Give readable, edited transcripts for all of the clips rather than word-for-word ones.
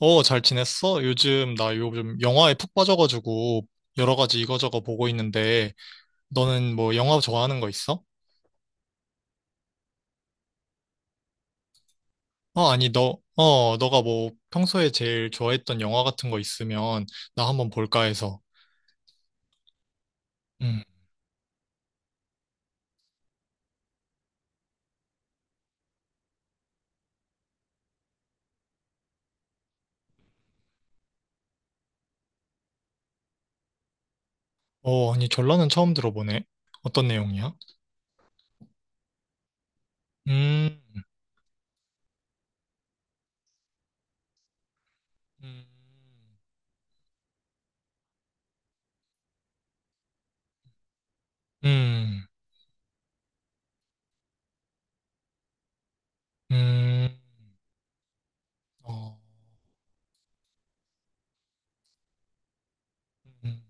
어, 잘 지냈어? 요즘 나 요즘 영화에 푹 빠져가지고 여러 가지 이거저거 보고 있는데 너는 뭐 영화 좋아하는 거 있어? 어, 아니 너가 뭐 평소에 제일 좋아했던 영화 같은 거 있으면 나 한번 볼까 해서. 음. 어, 아니 전라는 처음 들어보네. 어떤 내용이야? 음, 음, 음, 음, 어, 음.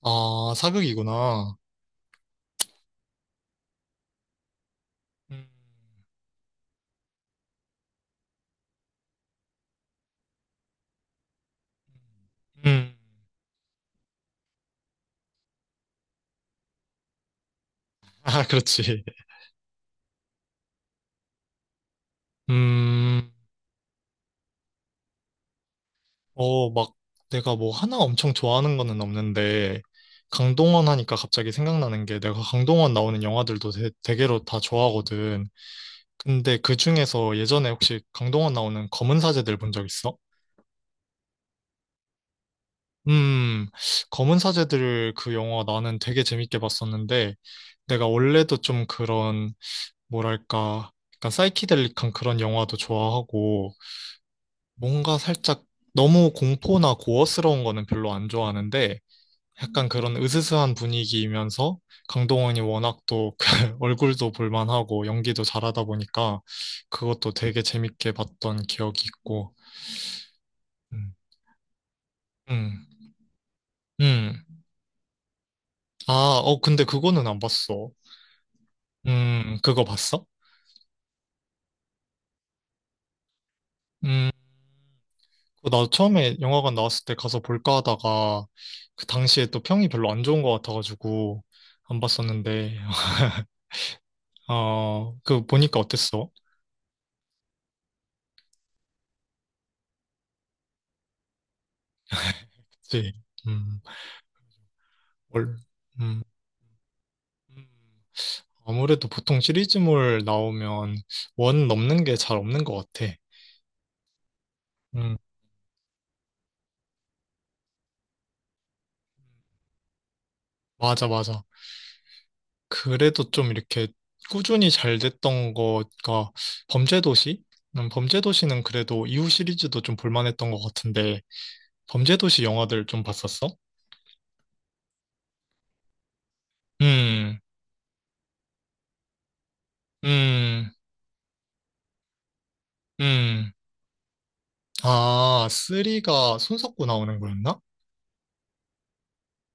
아, 사극이구나. 음, 음. 아, 그렇지. 음. 어, 막 내가 뭐 하나 엄청 좋아하는 거는 없는데, 강동원 하니까 갑자기 생각나는 게 내가 강동원 나오는 영화들도 대개로 다 좋아하거든. 근데 그 중에서 예전에 혹시 강동원 나오는 검은 사제들 본 적 있어? 음, 검은 사제들 그 영화 나는 되게 재밌게 봤었는데, 내가 원래도 좀 그런, 뭐랄까, 약간 사이키델릭한 그런 영화도 좋아하고, 뭔가 살짝 너무 공포나 고어스러운 거는 별로 안 좋아하는데, 약간 그런 으스스한 분위기이면서 강동원이 워낙 또 그 얼굴도 볼만하고 연기도 잘하다 보니까 그것도 되게 재밌게 봤던 기억이 있고. 음. 음. 음. 아, 어, 근데 그거는 안 봤어. 그거 봤어? 음, 그거 나 처음에 영화관 나왔을 때 가서 볼까 하다가 그 당시에 또 평이 별로 안 좋은 것 같아가지고 안 봤었는데, 어, 그 보니까 어땠어? 그치? 음, 뭘, 음. 음. 아무래도 보통 시리즈물 나오면 원 넘는 게 잘 없는 것 같아. 음, 맞아, 맞아. 그래도 좀 이렇게 꾸준히 잘 됐던 거가 범죄도시? 범죄도시는 그래도 이후 시리즈도 좀 볼만했던 것 같은데, 범죄도시 영화들 좀 봤었어? 음, 음, 음. 아, 쓰리가 손석구 나오는 거였나?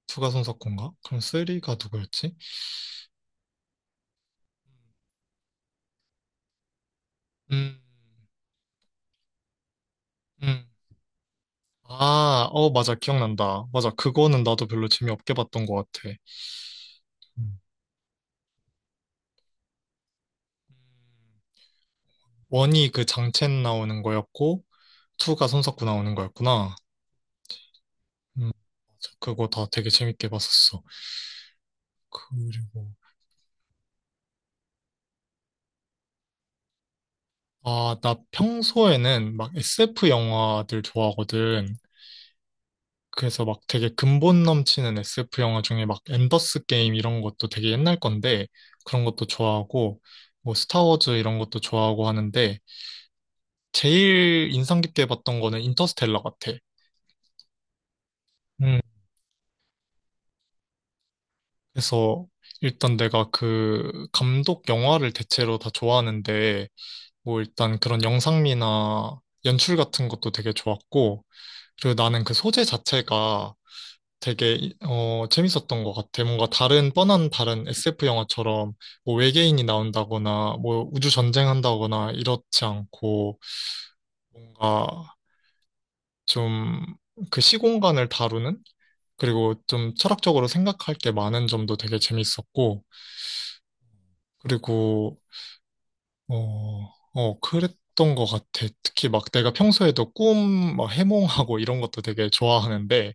2가 손석구인가? 그럼 쓰리가 누구였지? 음, 음. 아, 어, 맞아. 기억난다. 맞아. 그거는 나도 별로 재미없게 봤던 것 같아. 음. 원이 그 장첸 나오는 거였고, 투가 손석구 나오는 거였구나. 음, 맞아. 그거 다 되게 재밌게 봤었어. 그리고, 아, 나 평소에는 막 SF 영화들 좋아하거든. 그래서 막 되게 근본 넘치는 SF 영화 중에 막 엔더스 게임 이런 것도 되게 옛날 건데, 그런 것도 좋아하고, 뭐 스타워즈 이런 것도 좋아하고 하는데, 제일 인상 깊게 봤던 거는 인터스텔라 같아. 음, 그래서 일단 내가 그 감독 영화를 대체로 다 좋아하는데 뭐 일단 그런 영상미나 연출 같은 것도 되게 좋았고 그리고 나는 그 소재 자체가 되게 재밌었던 것 같아. 뭔가 다른 뻔한 다른 SF 영화처럼 뭐 외계인이 나온다거나 뭐 우주 전쟁한다거나 이렇지 않고 뭔가 좀 그 시공간을 다루는 그리고 좀 철학적으로 생각할 게 많은 점도 되게 재밌었고, 그리고, 그랬던 것 같아. 특히 막 내가 평소에도 꿈, 막 해몽하고 이런 것도 되게 좋아하는데,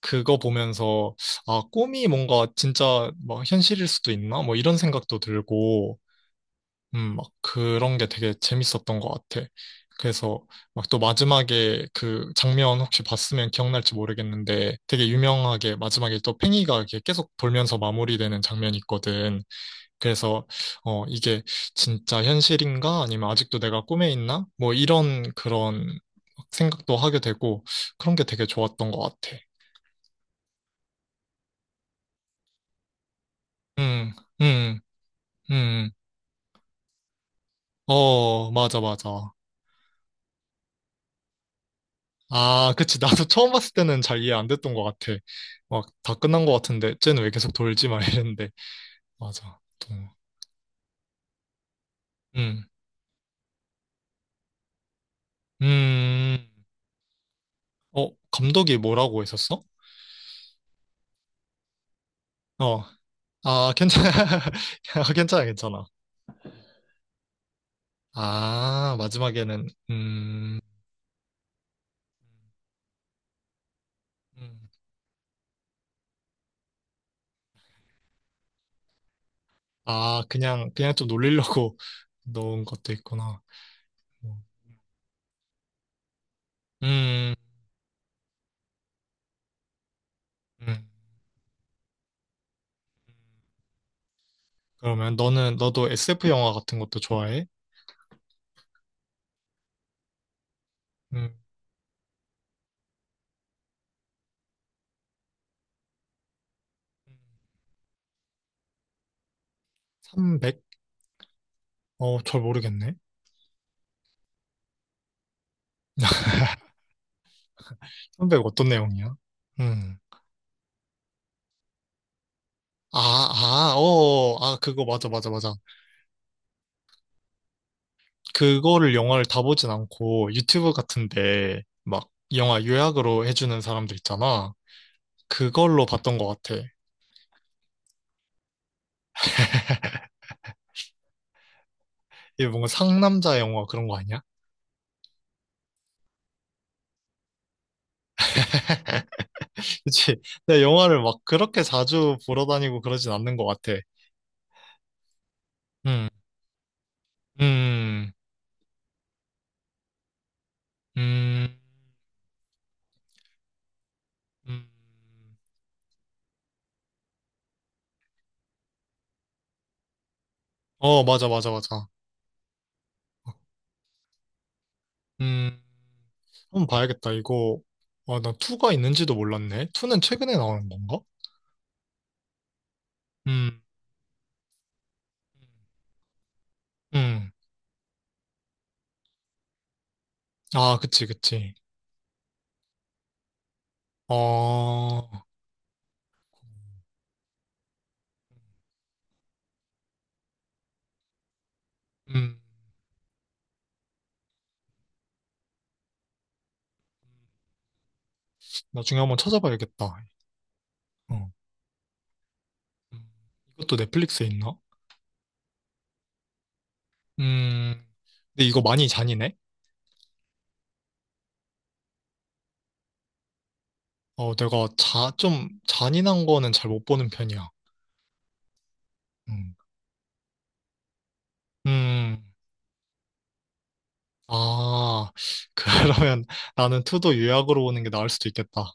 그거 보면서, 아, 꿈이 뭔가 진짜 막 현실일 수도 있나? 뭐 이런 생각도 들고, 막 그런 게 되게 재밌었던 것 같아. 그래서 막 또 마지막에 그 장면 혹시 봤으면 기억날지 모르겠는데 되게 유명하게 마지막에 또 팽이가 이렇게 계속 돌면서 마무리되는 장면이 있거든. 그래서 이게 진짜 현실인가? 아니면 아직도 내가 꿈에 있나? 뭐 이런 그런 생각도 하게 되고 그런 게 되게 좋았던 것 같아. 음, 음, 음. 어, 맞아, 맞아. 아, 그치. 나도 처음 봤을 때는 잘 이해 안 됐던 것 같아. 막, 다 끝난 것 같은데, 쟤는 왜 계속 돌지? 막 이랬는데. 맞아. 또, 음, 음, 어, 감독이 뭐라고 했었어? 어, 아, 괜찮아. 아, 괜찮아, 괜찮아. 아, 마지막에는, 음. 아, 그냥 좀 놀리려고 넣은 것도 있구나. 음, 음. 그러면 너도 SF 영화 같은 것도 좋아해? 음, 300? 어, 잘 모르겠네. 선배가 어떤 내용이야? 음. 아, 아, 어, 어, 아, 그거 맞아, 맞아, 맞아. 그거를 영화를 다 보진 않고 유튜브 같은데 막 영화 요약으로 해주는 사람들 있잖아. 그걸로 봤던 것 같아. 이게 뭔가 상남자 영화 그런 거 아니야? 그치? 내가 영화를 막 그렇게 자주 보러 다니고 그러진 않는 것 같아. 음, 음, 음, 음. 어, 맞아, 맞아, 맞아. 음, 한번 봐야겠다. 이거, 아, 난 2가 있는지도 몰랐네. 2는 최근에 나오는 건가? 음, 음. 아, 그치, 그치. 어, 음. 나중에 한번 찾아봐야겠다. 어. 음. 이것도 넷플릭스에 있나? 음, 근데 이거 많이 잔인해? 어, 내가 좀 잔인한 거는 잘 못 보는 편이야. 음, 음. 아, 그러면 나는 투도 요약으로 보는 게 나을 수도 있겠다.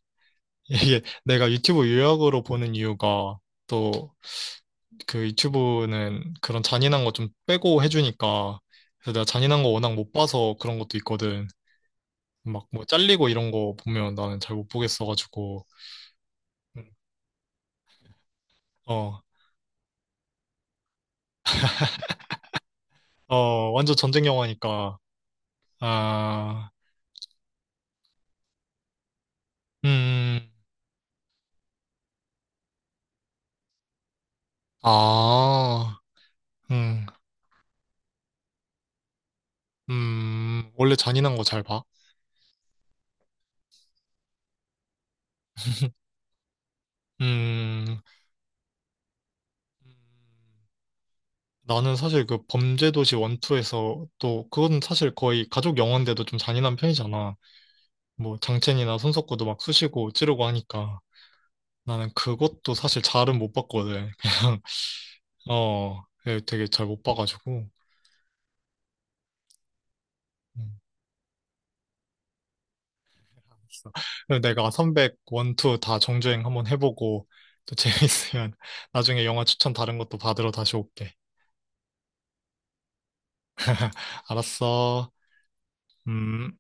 이게 내가 유튜브 요약으로 보는 이유가 또 그 유튜브는 그런 잔인한 거 좀 빼고 해주니까 그래서 내가 잔인한 거 워낙 못 봐서 그런 것도 있거든. 막 뭐 잘리고 이런 거 보면 나는 잘 못 보겠어가지고 음, 어, 어, 완전 전쟁 영화니까 아, 음, 음. 아, 음, 원래 잔인한 거 잘 봐? 음, 나는 사실 그 범죄도시 원투에서 또 그건 사실 거의 가족 영화인데도 좀 잔인한 편이잖아. 뭐 장첸이나 손석구도 막 쑤시고 찌르고 하니까 나는 그것도 사실 잘은 못 봤거든. 그냥 어 예, 되게 잘 못 봐가지고. 음, 그래서 내가 선백 원투 다 정주행 한번 해보고 또 재밌으면 나중에 영화 추천 다른 것도 받으러 다시 올게. 알았어. 음.